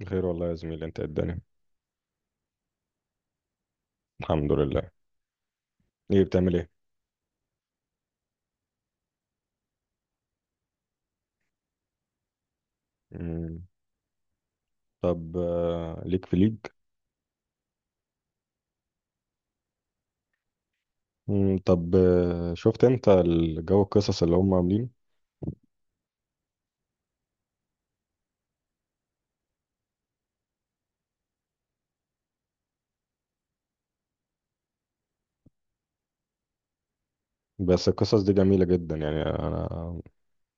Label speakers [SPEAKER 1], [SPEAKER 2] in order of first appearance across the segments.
[SPEAKER 1] بخير والله يا زميلي. انت إيه الدنيا؟ الحمد لله. ايه بتعمل ايه؟ مم. طب، ليك في ليج؟ مم. طب، شفت انت الجو القصص اللي هم عاملينه؟ بس القصص دي جميلة جدا يعني انا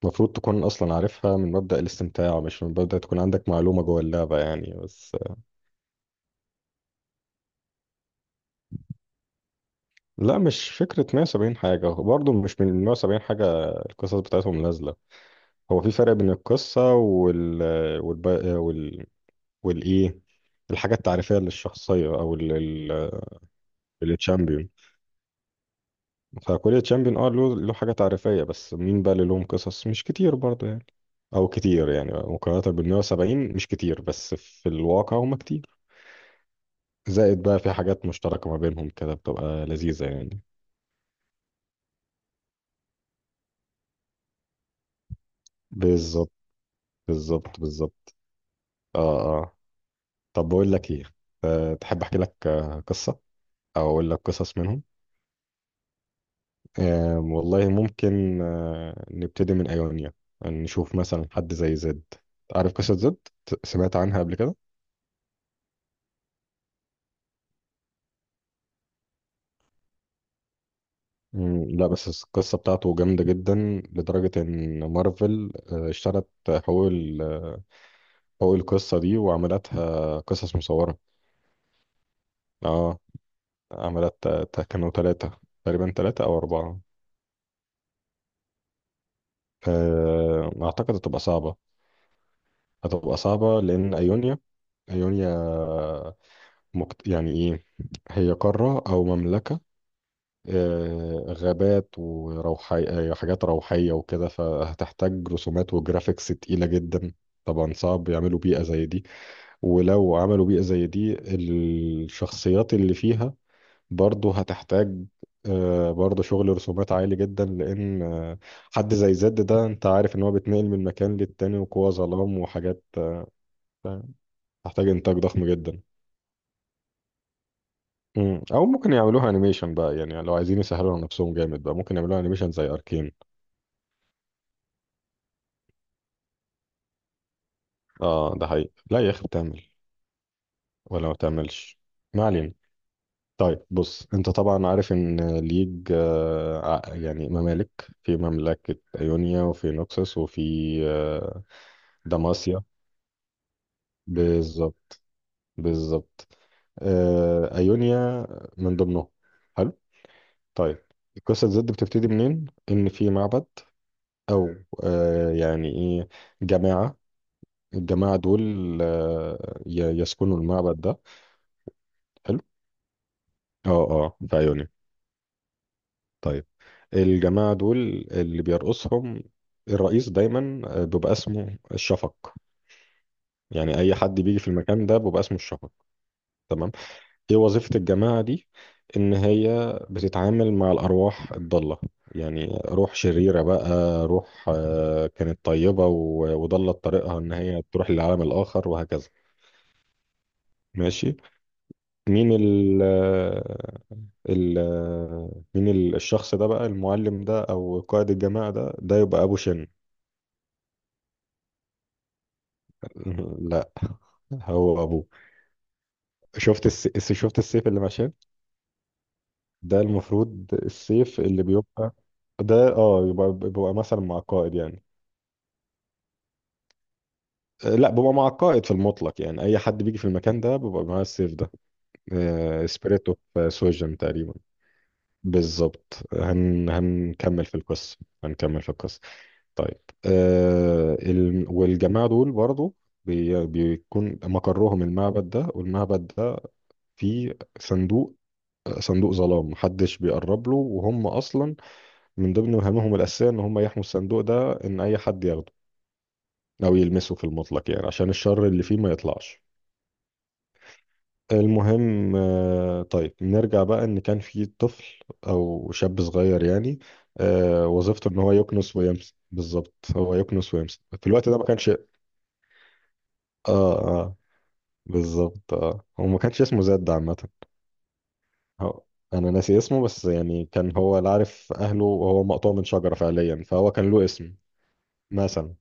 [SPEAKER 1] المفروض تكون اصلا عارفها من مبدأ الاستمتاع، مش من مبدأ تكون عندك معلومة جوه اللعبة، يعني بس لا، مش فكرة 170 حاجة، برضه مش من 170 حاجة القصص بتاعتهم نازلة. هو في فرق بين القصة والب... آه، وال... والايه، الحاجة التعريفية للشخصية أو التشامبيون. فكل تشامبيون اه له حاجة تعريفية، بس مين بقى اللي لهم قصص؟ مش كتير برضه يعني، او كتير يعني مقارنة بال 170. مش كتير، بس في الواقع هم كتير. زائد بقى في حاجات مشتركة ما بينهم كده بتبقى لذيذة يعني. بالظبط، بالظبط، بالظبط. اه، اه. طب بقول لك ايه، تحب احكي لك قصة؟ او اقول لك قصص منهم. والله ممكن نبتدي من ايونيا. نشوف مثلا حد زي زد. عارف قصة زد؟ سمعت عنها قبل كده؟ مم، لا بس القصة بتاعته جامدة جدا، لدرجة إن مارفل اشترت حقوق حقوق القصة دي وعملتها قصص مصورة. اه، عملت، كانوا ثلاثة، تقريبا ثلاثة أو أربعة. أعتقد هتبقى صعبة. هتبقى صعبة لأن أيونيا يعني إيه، هي قارة أو مملكة. غابات وروحي، حاجات روحية وكده، فهتحتاج رسومات وجرافيكس تقيلة جدا. طبعا صعب يعملوا بيئة زي دي، ولو عملوا بيئة زي دي الشخصيات اللي فيها برضه هتحتاج، برضه شغل رسومات عالي جدا، لأن حد زي زد ده أنت عارف إن هو بيتنقل من مكان للتاني وجوه ظلام وحاجات. آه، تحتاج إنتاج ضخم جدا. أو ممكن يعملوها أنيميشن بقى، يعني لو عايزين يسهلوا على نفسهم جامد بقى ممكن يعملوها أنيميشن زي أركين. اه ده حقيقي. لا يا اخي، بتعمل ولا ما بتعملش، ما علينا. طيب بص، انت طبعا عارف ان ليج يعني ممالك. في مملكة ايونيا وفي نوكسوس وفي آه، داماسيا. بالظبط، بالظبط. ايونيا من ضمنهم. حلو. طيب، القصة ضد بتبتدي منين؟ ان في معبد، او يعني ايه، جماعة. الجماعة دول يسكنوا المعبد ده. حلو. اه، اه، في ايونيا. طيب، الجماعة دول اللي بيرقصهم الرئيس دايما بيبقى اسمه الشفق. يعني أي حد بيجي في المكان ده بيبقى اسمه الشفق. تمام. ايه وظيفة الجماعة دي؟ إن هي بتتعامل مع الأرواح الضالة، يعني روح شريرة بقى، روح كانت طيبة وضلت طريقها إن هي تروح للعالم الآخر وهكذا. ماشي. مين ال آه، ال آه، مين ال- الشخص ده بقى، المعلم ده أو قائد الجماعة ده يبقى أبو شن. لا، هو ابوه. شفت السيف اللي ماشي. ده المفروض السيف اللي بيبقى، ده اه يبقى بيبقى مثلا مع القائد يعني. لا، بيبقى مع القائد في المطلق، يعني اي حد بيجي في المكان ده بيبقى معاه السيف ده. سبيريت اوف سوجن تقريبا. بالظبط. هنكمل في القصه، هنكمل في القصه. طيب، والجماعه دول برضو بيكون مقرهم المعبد ده. والمعبد ده فيه صندوق، صندوق ظلام محدش بيقرب له، وهم اصلا من ضمن مهامهم الاساسيه ان هم يحموا الصندوق ده، ان اي حد ياخده او يلمسه في المطلق، يعني عشان الشر اللي فيه ما يطلعش. المهم طيب نرجع بقى، ان كان في طفل او شاب صغير يعني، وظيفته ان هو يكنس ويمسك بالظبط، هو يكنس ويمسك في الوقت ده ما كانش اه، اه بالظبط. اه، هو ما كانش اسمه زاد عامه. هو- انا ناسي اسمه، بس يعني كان هو لا عارف اهله، وهو مقطوع من شجره فعليا، فهو كان له اسم مثلا.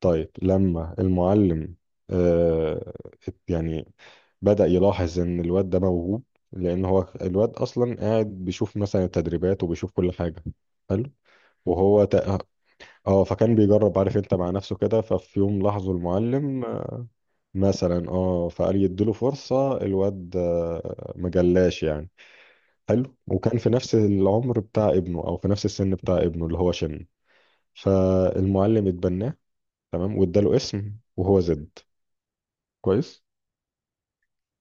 [SPEAKER 1] طيب لما المعلم آه يعني بدأ يلاحظ ان الواد ده موهوب، لان هو الواد اصلا قاعد بيشوف مثلا التدريبات، وبيشوف كل حاجة. حلو. وهو تق... اه، فكان بيجرب، عارف انت، مع نفسه كده. ففي يوم لاحظه المعلم، مثلا، اه فقال يديله فرصة، الواد مجلاش يعني. حلو. وكان في نفس العمر بتاع ابنه، او في نفس السن بتاع ابنه اللي هو شن. فالمعلم اتبناه. تمام، واداله اسم، وهو زد. كويس.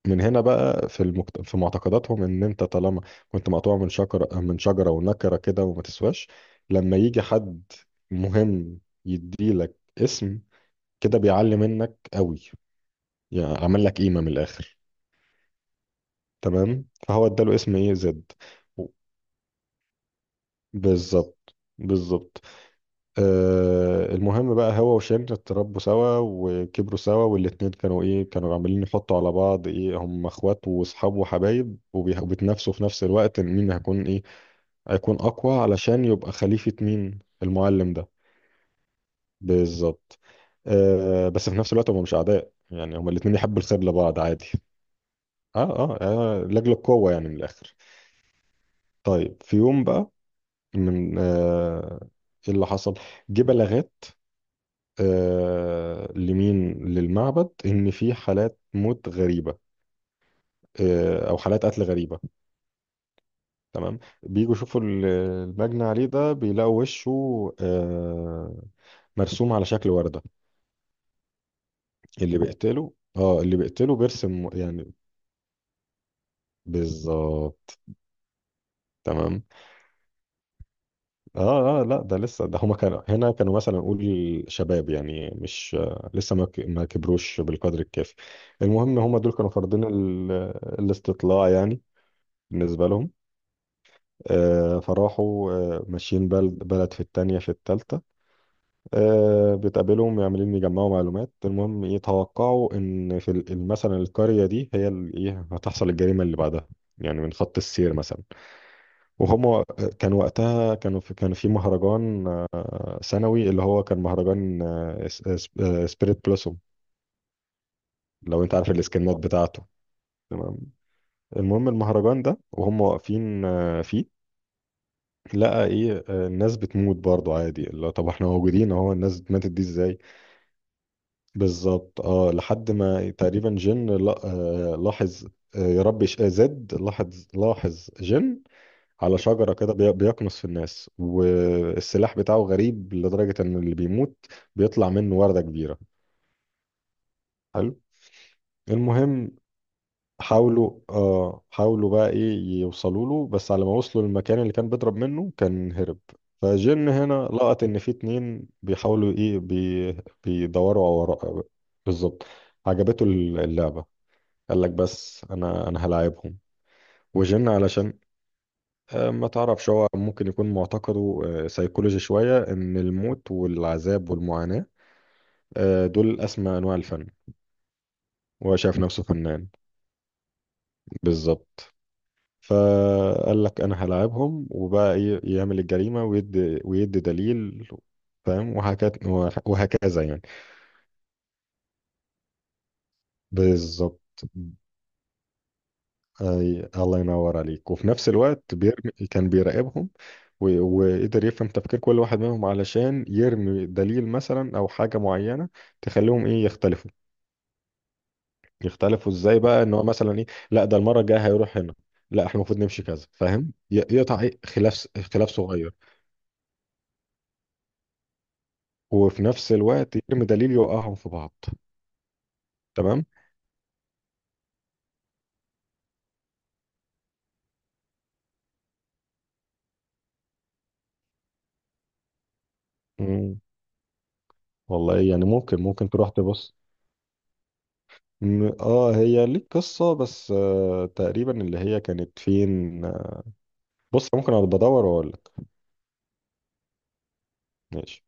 [SPEAKER 1] من هنا بقى في في معتقداتهم ان انت طالما كنت مقطوع من شجره ونكره كده وما تسواش، لما يجي حد مهم يديلك اسم، كده بيعلي منك قوي، يعني عمل لك قيمه من الاخر. تمام، فهو اداله اسم ايه، زد. بالظبط، بالظبط. المهم بقى، هو وشن اتربوا سوا وكبروا سوا، والاتنين كانوا ايه، كانوا عمالين يحطوا على بعض ايه، هم اخوات واصحاب وحبايب، وبيتنافسوا في نفس الوقت إن مين هيكون ايه، هيكون اقوى علشان يبقى خليفة مين؟ المعلم ده. بالظبط. بس في نفس الوقت هم مش اعداء يعني، هم الاتنين يحبوا الخير لبعض عادي. اه، اه، لاجل القوة يعني، من الاخر. طيب، في يوم بقى، من ايه اللي حصل، جه بلاغات لمين، للمعبد، ان في حالات موت غريبه، او حالات قتل غريبه. تمام. بيجوا يشوفوا المجني عليه ده، بيلاقوا وشه آه، مرسوم على شكل ورده. اللي بيقتله اه، اللي بيقتله بيرسم يعني. بالظبط. تمام. اه، اه، لا ده لسه، ده هما كانوا هنا كانوا مثلا نقول شباب يعني، مش لسه ما كبروش بالقدر الكافي. المهم هما دول كانوا فرضين الاستطلاع يعني، بالنسبه لهم. فراحوا ماشيين بلد بلد، في التانية، في التالتة. بتقابلهم عمالين يجمعوا معلومات. المهم يتوقعوا إن في مثلا القرية دي هي إيه، هتحصل الجريمة اللي بعدها، يعني من خط السير مثلا. وهم كان وقتها كانوا في، كان في مهرجان سنوي، اللي هو كان مهرجان سبيريت بلوسوم، لو انت عارف الاسكنات بتاعته. تمام. المهم المهرجان ده وهم واقفين فيه، لا ايه، الناس بتموت برضو عادي؟ لا طب احنا موجودين اهو، الناس ماتت دي ازاي؟ بالظبط. اه لحد ما تقريبا جن، لا لاحظ، آه، يا رب ش- آه، زد لاحظ. جن على شجرة كده بيقنص في الناس، والسلاح بتاعه غريب لدرجة ان اللي بيموت بيطلع منه وردة كبيرة. حلو. المهم حاولوا اه، حاولوا بقى ايه، يوصلوا له. بس على ما وصلوا للمكان اللي كان بيضرب منه كان هرب. فجن هنا لقط ان في اتنين بيحاولوا ايه، بيدوروا على وراه. بالظبط. عجبته اللعبة، قال لك بس انا هلاعبهم. وجن علشان ما تعرفش، هو ممكن يكون معتقده سيكولوجي شوية، ان الموت والعذاب والمعاناة دول اسمى انواع الفن، وهو شايف نفسه فنان. بالظبط. فقال لك انا هلاعبهم، وبقى ايه، يعمل الجريمه ويدي، ويدي دليل، فاهم، وهكذا وهكذا يعني. بالظبط. أي الله ينور عليك. وفي نفس الوقت بيرمي، كان بيراقبهم، وقدر يفهم تفكير كل واحد منهم، علشان يرمي دليل مثلا او حاجه معينه تخليهم ايه، يختلفوا. يختلفوا ازاي بقى، ان هو مثلا ايه، لا ده المره الجايه هيروح هنا، لا احنا المفروض نمشي كذا، فاهم، يقطع إيه؟ خلاف، خلاف صغير، وفي نفس الوقت يرمي دليل يوقعهم في بعض. تمام. مم. والله يعني ممكن تروح تبص. هي ليك قصة، بس آه تقريبا اللي هي كانت فين، بص ممكن انا بدور واقول لك. ماشي.